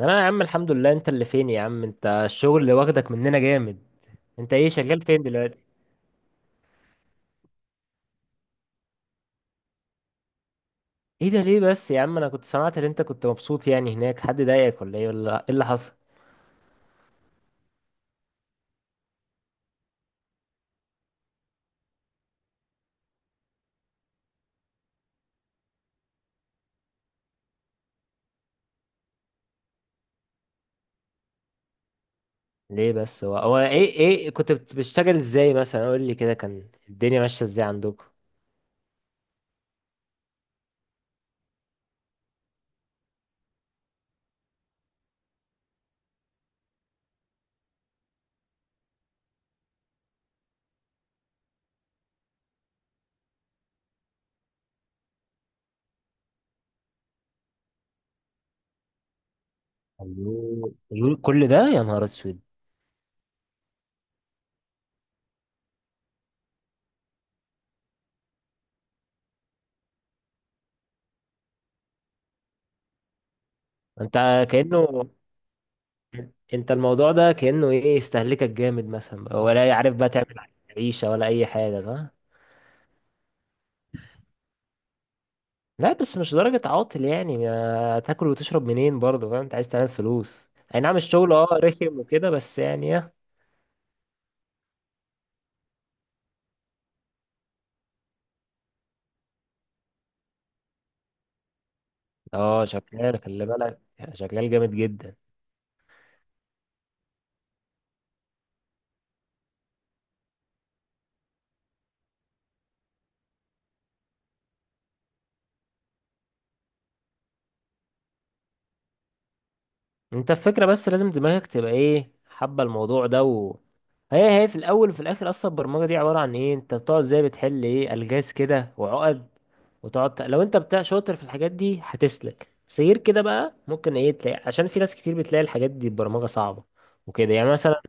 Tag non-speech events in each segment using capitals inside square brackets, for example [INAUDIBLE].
انا يا عم الحمد لله، انت اللي فين يا عم؟ انت الشغل اللي واخدك مننا جامد. انت ايه شغال فين دلوقتي؟ ايه ده ليه بس يا عم؟ انا كنت سمعت ان انت كنت مبسوط يعني هناك، حد ضايقك ولا ايه ولا ايه اللي حصل؟ ليه بس هو ايه كنت بتشتغل ازاي؟ مثلا قول لي كده، كان الدنيا ماشيه ازاي عندكم؟ الله الله، كل ده يا نهار اسود. انت كأنه انت الموضوع ده كأنه ايه استهلكك جامد مثلا، ولا عارف بقى تعمل عيشة ولا اي حاجة، صح؟ لا بس مش درجة عاطل، يعني ما تاكل وتشرب منين برضه؟ فاهم انت عايز تعمل فلوس. اي نعم الشغل اه رخم وكده، بس يعني اه. آه، شغال خلي بالك يعني شغال جامد جدا. انت الفكرة بس لازم دماغك تبقى ايه، حابة الموضوع ده و... هي في الاول وفي الاخر اصلا البرمجة دي عبارة عن ايه، انت بتقعد زي بتحل ايه الغاز كده وعقد. وتقعد لو انت بتاع شاطر في الحاجات دي هتسلك، بس غير كده بقى ممكن ايه تلاقي، عشان في ناس كتير بتلاقي الحاجات دي البرمجة صعبة وكده يعني مثلا.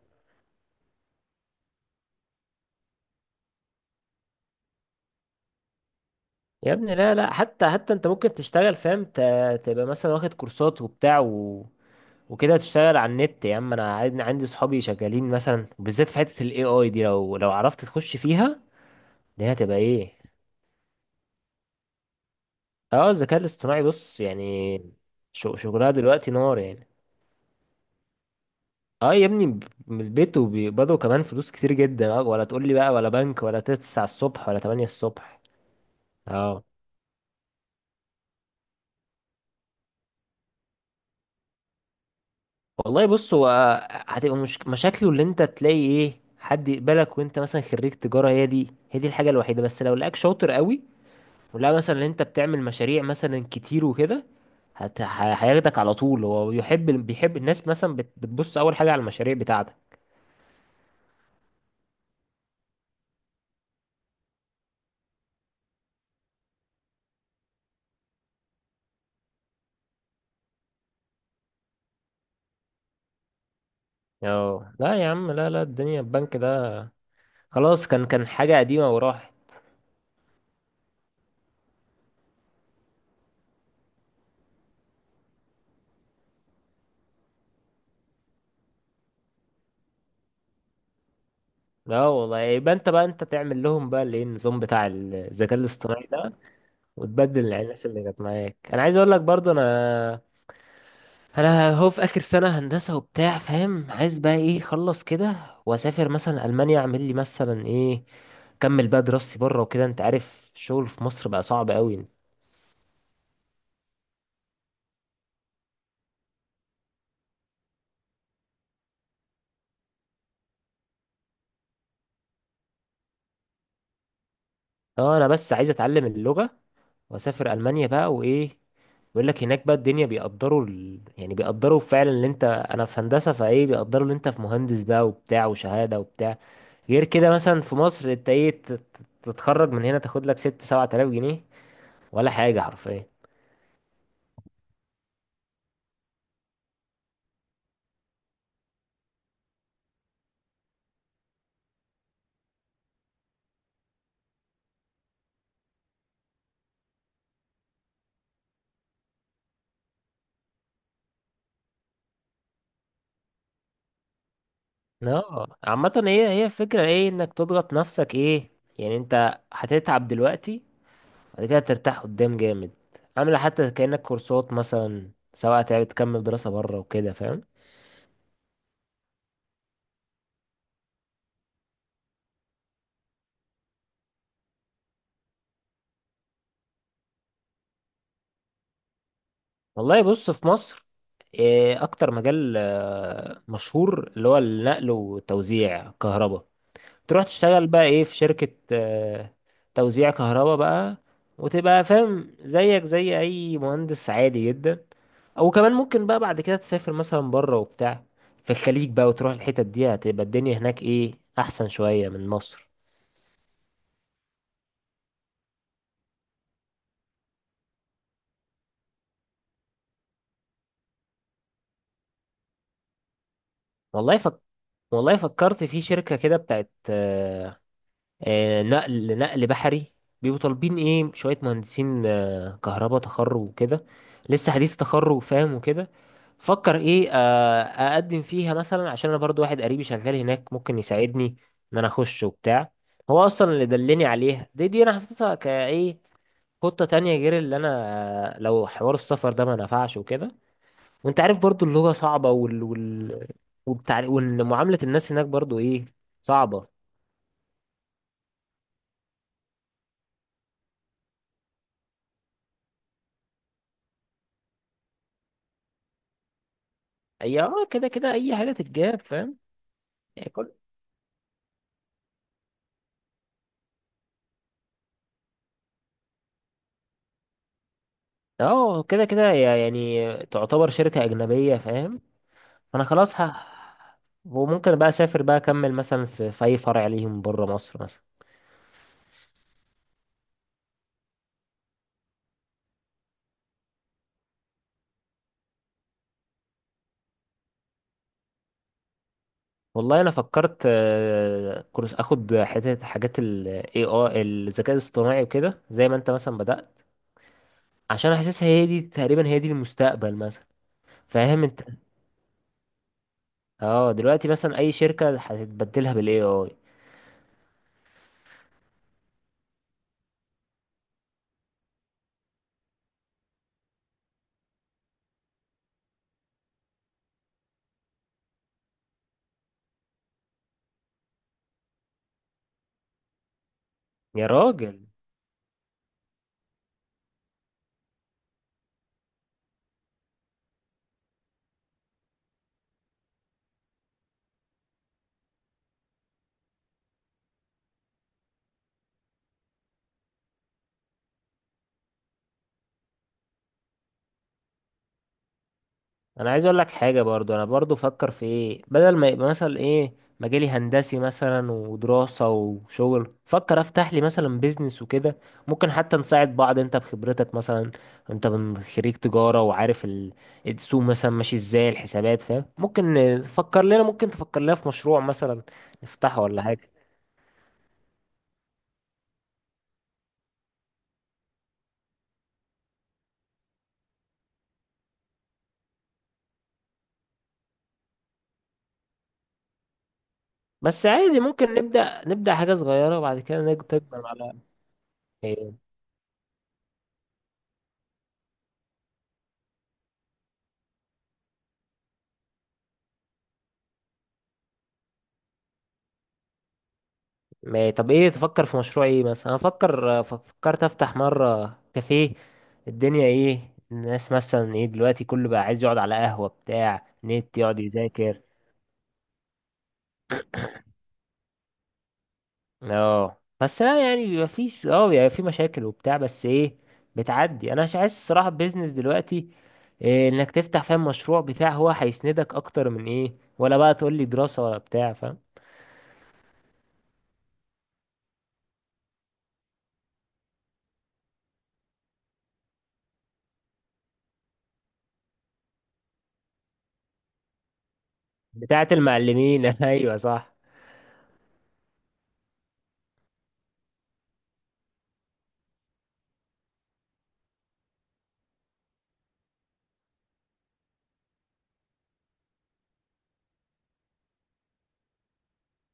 يا ابني لا لا، حتى انت ممكن تشتغل، فاهم؟ تبقى مثلا واخد كورسات وبتاع و... وكده تشتغل على النت. يا عم انا عندي صحابي شغالين مثلا، بالذات في حته الاي اي دي. لو عرفت تخش فيها، دي هتبقى ايه. اه الذكاء الاصطناعي، بص يعني شغلها دلوقتي نار يعني. اه يا ابني، من البيت وبيقبضوا كمان فلوس كتير جدا. اه ولا تقول لي بقى ولا بنك ولا 9 الصبح ولا 8 الصبح. اه والله بص هو، هتبقى مش... مشاكله اللي انت تلاقي ايه حد يقبلك وانت مثلا خريج تجارة. هي دي الحاجة الوحيدة، بس لو لقاك شاطر قوي، ولا مثلا اللي انت بتعمل مشاريع مثلا كتير وكده، هياخدك على طول. هو بيحب، بيحب الناس مثلا بتبص اول حاجة على المشاريع بتاعتك. اه لا يا عم، لا لا الدنيا البنك ده خلاص، كان حاجة قديمة وراحت. لا والله يبقى انت بقى انت تعمل لهم بقى الايه، النظام بتاع الذكاء الاصطناعي ده، وتبدل الناس اللي كانت معاك. انا عايز اقول لك برضو انا، انا هو في اخر سنه هندسه وبتاع، فاهم؟ عايز بقى ايه اخلص كده، واسافر مثلا المانيا، اعمل لي مثلا ايه اكمل بقى دراستي بره وكده. انت عارف الشغل في مصر بقى صعب قوي. اه انا بس عايز اتعلم اللغه واسافر المانيا بقى وايه. بيقول لك هناك بقى الدنيا بيقدروا يعني بيقدروا فعلا اللي انت، انا في هندسه، فايه بيقدروا اللي انت في مهندس بقى وبتاع وشهاده وبتاع. غير كده مثلا في مصر انت ايه تتخرج من هنا تاخد لك 6 7000 جنيه ولا حاجه حرفيا. اه عامة هي هي الفكرة ايه انك تضغط نفسك ايه، يعني انت هتتعب دلوقتي، بعد كده ترتاح قدام جامد. عاملة حتى كأنك كورسات مثلا، سواء تعب تكمل دراسة بره وكده، فاهم؟ والله بص في مصر، إيه اكتر مجال مشهور اللي هو النقل وتوزيع كهرباء. تروح تشتغل بقى ايه في شركة توزيع كهرباء بقى، وتبقى فاهم زيك زي اي مهندس عادي جدا. وكمان ممكن بقى بعد كده تسافر مثلا بره وبتاع، في الخليج بقى، وتروح الحتت دي هتبقى الدنيا هناك ايه احسن شوية من مصر. والله فك... والله فكرت في شركة كده بتاعت نقل بحري. بيبقوا طالبين ايه شوية مهندسين كهرباء، تخرج وكده لسه حديث تخرج فاهم وكده. فكر ايه اقدم فيها مثلا، عشان انا برضو واحد قريبي شغال هناك ممكن يساعدني ان انا اخش وبتاع. هو اصلا اللي دلني عليها دي انا حطيتها كايه خطة تانية غير اللي انا لو حوار السفر ده ما نفعش وكده. وانت عارف برضو اللغة صعبة وال وبتاع، ومعاملة الناس هناك برضو ايه صعبة. هي اه كده كده اي حاجة تتجاب فاهم يعني كل. اه كده كده هي يعني تعتبر شركة أجنبية، فاهم؟ انا خلاص ه... وممكن بقى اسافر بقى اكمل مثلا في اي فرع ليهم بره مصر مثلا. والله انا فكرت كورس اخد حتة حاجات الاي اي الذكاء الاصطناعي وكده زي ما انت مثلا بدأت، عشان حاسسها هي دي تقريبا هي دي المستقبل مثلا، فاهم انت؟ اه دلوقتي مثلا اي شركة هتتبدلها بالاي اي. يا راجل انا عايز اقول لك حاجة برضو، انا برضو فكر في ايه، بدل ما يبقى مثلا ايه مجالي هندسي مثلا ودراسة وشغل، فكر افتح لي مثلا بيزنس وكده. ممكن حتى نساعد بعض، انت بخبرتك مثلا، انت من خريج تجارة وعارف السوق مثلا ماشي ازاي الحسابات، فاهم؟ ممكن نفكر لنا، ممكن تفكر لنا في مشروع مثلا نفتحه ولا حاجة. بس عادي ممكن نبدأ حاجة صغيرة وبعد كده تكبر على إيه. طب ايه تفكر في مشروع ايه مثلا؟ انا فكر فكرت افتح مرة كافيه، الدنيا ايه الناس مثلا ايه دلوقتي، كله بقى عايز يقعد على قهوة بتاع نت يقعد يذاكر. اه بس لا يعني بيبقى فيش، اه بيبقى في مشاكل وبتاع بس ايه بتعدي. انا مش عايز الصراحة بيزنس دلوقتي، إيه انك تفتح، فاهم، مشروع بتاع هو هيسندك اكتر من ايه، ولا بقى تقول لي دراسة ولا بتاع، فاهم؟ بتاعت المعلمين [LAUGHS] ايوه صح.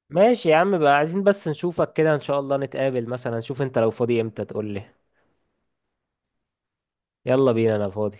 ماشي يا عم بقى، عايزين بس نشوفك كده ان شاء الله، نتقابل مثلا. شوف انت لو فاضي امتى تقول لي. يلا بينا انا فاضي.